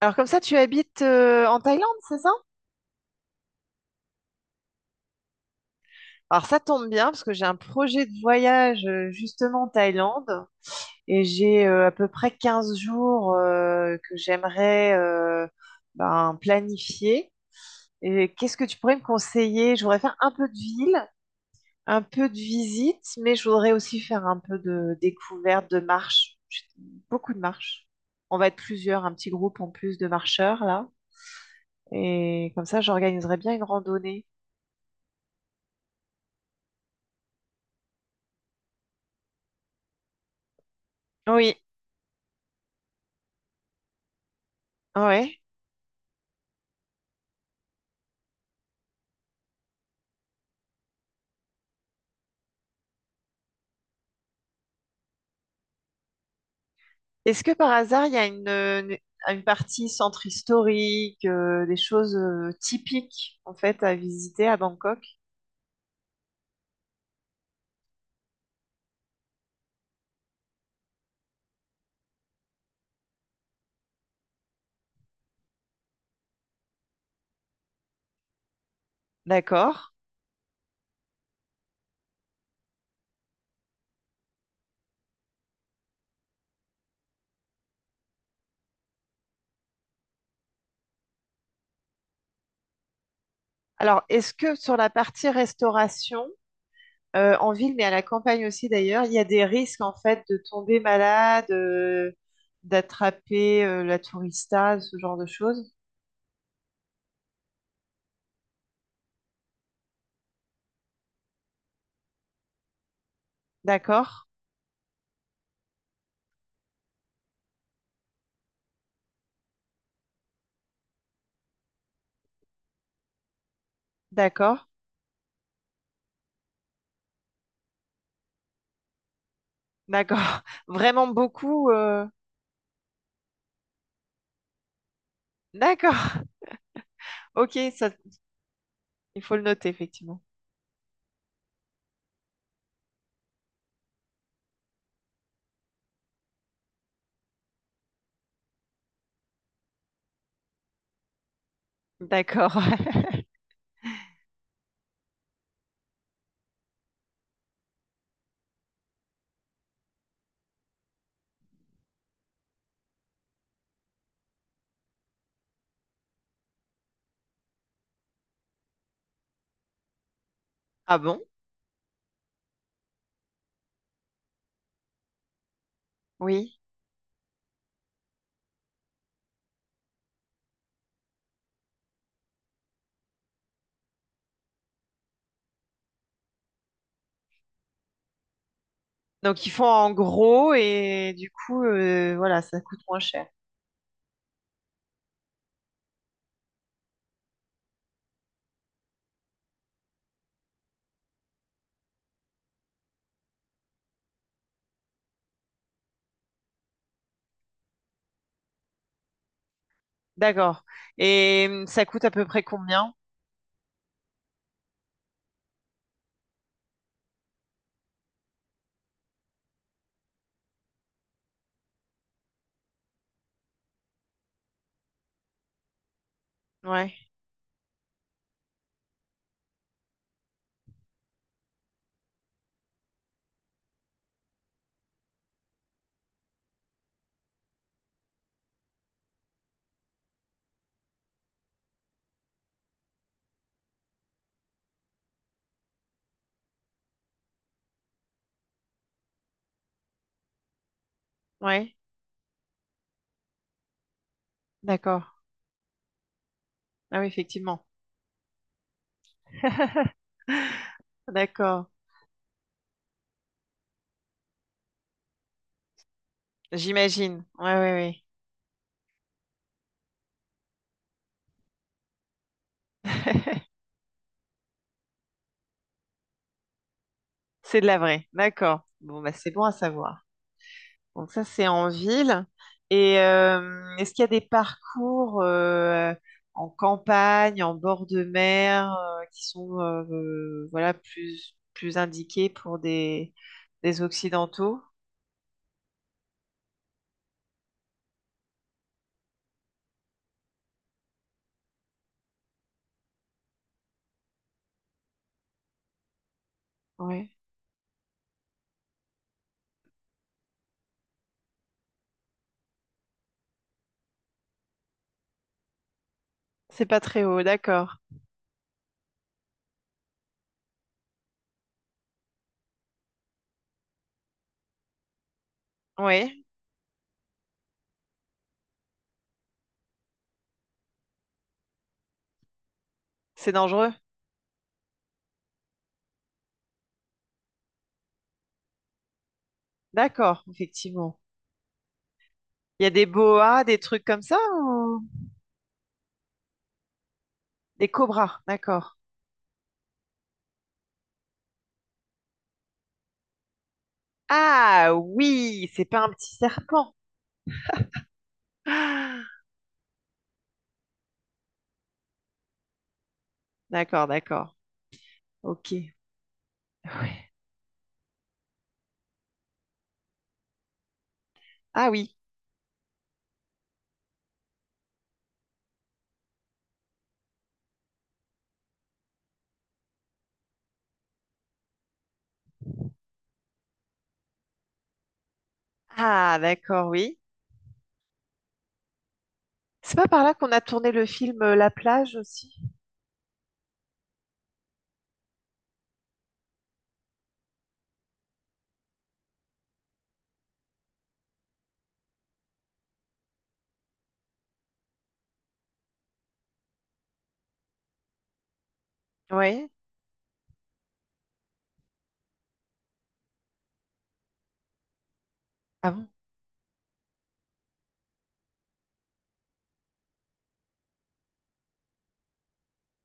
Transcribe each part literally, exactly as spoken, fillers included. Alors comme ça, tu habites euh, en Thaïlande, c'est ça? Alors ça tombe bien parce que j'ai un projet de voyage euh, justement en Thaïlande et j'ai euh, à peu près quinze jours euh, que j'aimerais euh, ben, planifier. Et qu'est-ce que tu pourrais me conseiller? Je voudrais faire un peu de ville, un peu de visite, mais je voudrais aussi faire un peu de découverte, de marche, beaucoup de marche. On va être plusieurs, un petit groupe en plus de marcheurs là. Et comme ça, j'organiserai bien une randonnée. Oui, ouais. Est-ce que par hasard, il y a une, une- une partie centre historique, euh, des choses euh, typiques en fait à visiter à Bangkok? D'accord. Alors, est-ce que sur la partie restauration, euh, en ville, mais à la campagne aussi d'ailleurs, il y a des risques en fait de tomber malade, euh, d'attraper euh, la tourista, ce genre de choses? D'accord, d'accord, d'accord. Vraiment beaucoup. euh, D'accord. Ok, ça, il faut le noter effectivement. D'accord. Ah bon? Oui. Donc ils font en gros et du coup, euh, voilà, ça coûte moins cher. D'accord. Et hum, ça coûte à peu près combien? Ouais, ouais, d'accord. Ah oui, effectivement. D'accord. J'imagine. Ouais, ouais, ouais. C'est de la vraie. D'accord. Bon, bah c'est bon à savoir. Donc ça, c'est en ville. Et euh, est-ce qu'il y a des parcours euh, en campagne, en bord de mer, euh, qui sont euh, euh, voilà, plus, plus indiqués pour des, des Occidentaux? Oui. C'est pas très haut, d'accord. Oui, c'est dangereux. D'accord, effectivement. Il y a des boas, des trucs comme ça, ou- Des cobras, d'accord. Ah oui, c'est pas un petit serpent. Ah, d'accord, d'accord. Ok. Ouais. Ah oui. Ah, d'accord, oui. C'est pas par là qu'on a tourné le film euh, La plage aussi? Oui. Ah bon?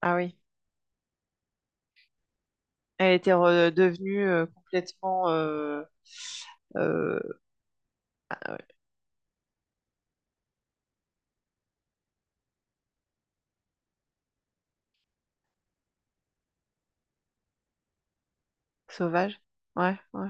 Ah oui. Elle était redevenue euh, complètement euh, euh, ah ouais, sauvage. Ouais, ouais.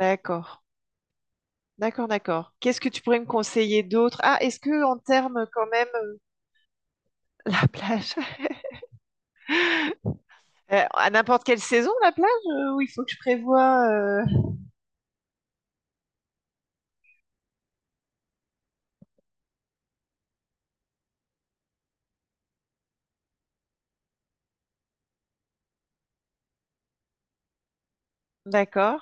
D'accord. D'accord, d'accord. Qu'est-ce que tu pourrais me conseiller d'autre? Ah, est-ce que en termes quand même euh, la plage? Euh, à n'importe quelle saison, la plage, euh, ou il faut que je prévoie euh, D'accord.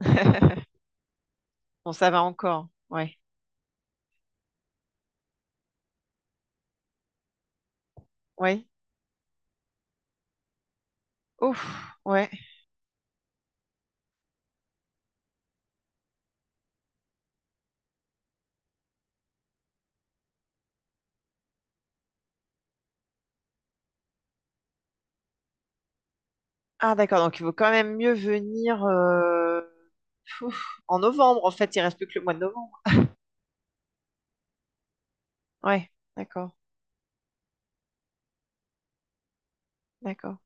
Bon, ça va encore. Ouais. Ouais. Ouf. Ouais. Ah d'accord, donc il vaut quand même mieux venir euh, ouf, en novembre, en fait, il reste plus que le mois de novembre. Ouais, d'accord, d'accord.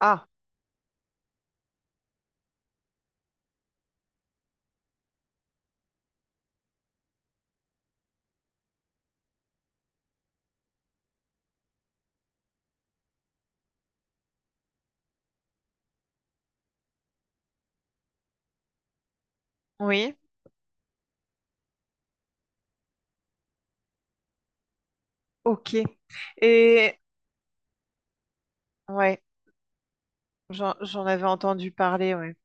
Ah, oui, ok. Et ouais, j'en j'en avais entendu parler, ouais.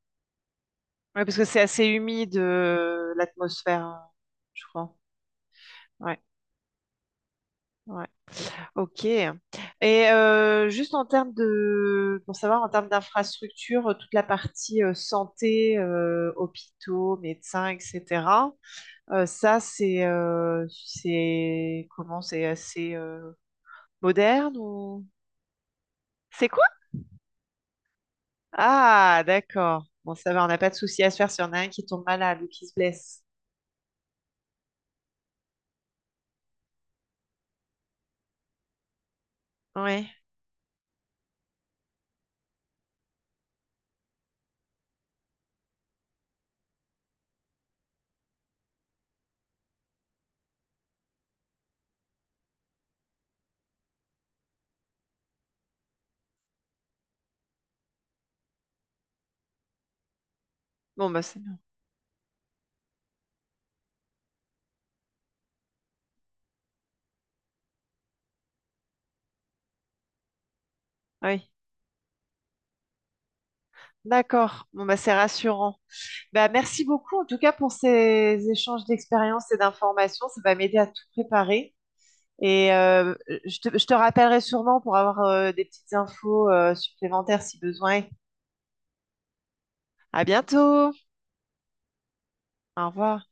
Ouais, parce que c'est assez humide euh, l'atmosphère, hein, je crois. Ouais, ouais. Ok. Et euh, juste en termes de, pour savoir, en termes d'infrastructure, toute la partie euh, santé, euh, hôpitaux, médecins, et cetera. Euh, ça, c'est euh, c'est comment? C'est assez euh, moderne ou c'est quoi? Ah, d'accord. Bon, ça va, on n'a pas de souci à se faire si on a un qui tombe malade ou qui se blesse. Oui. Bon, bah c'est bien. Oui. D'accord. Bon, bah c'est rassurant. Bah merci beaucoup en tout cas pour ces échanges d'expériences et d'informations. Ça va m'aider à tout préparer. Et euh, je te, je te rappellerai sûrement pour avoir euh, des petites infos euh, supplémentaires si besoin. À bientôt. Au revoir.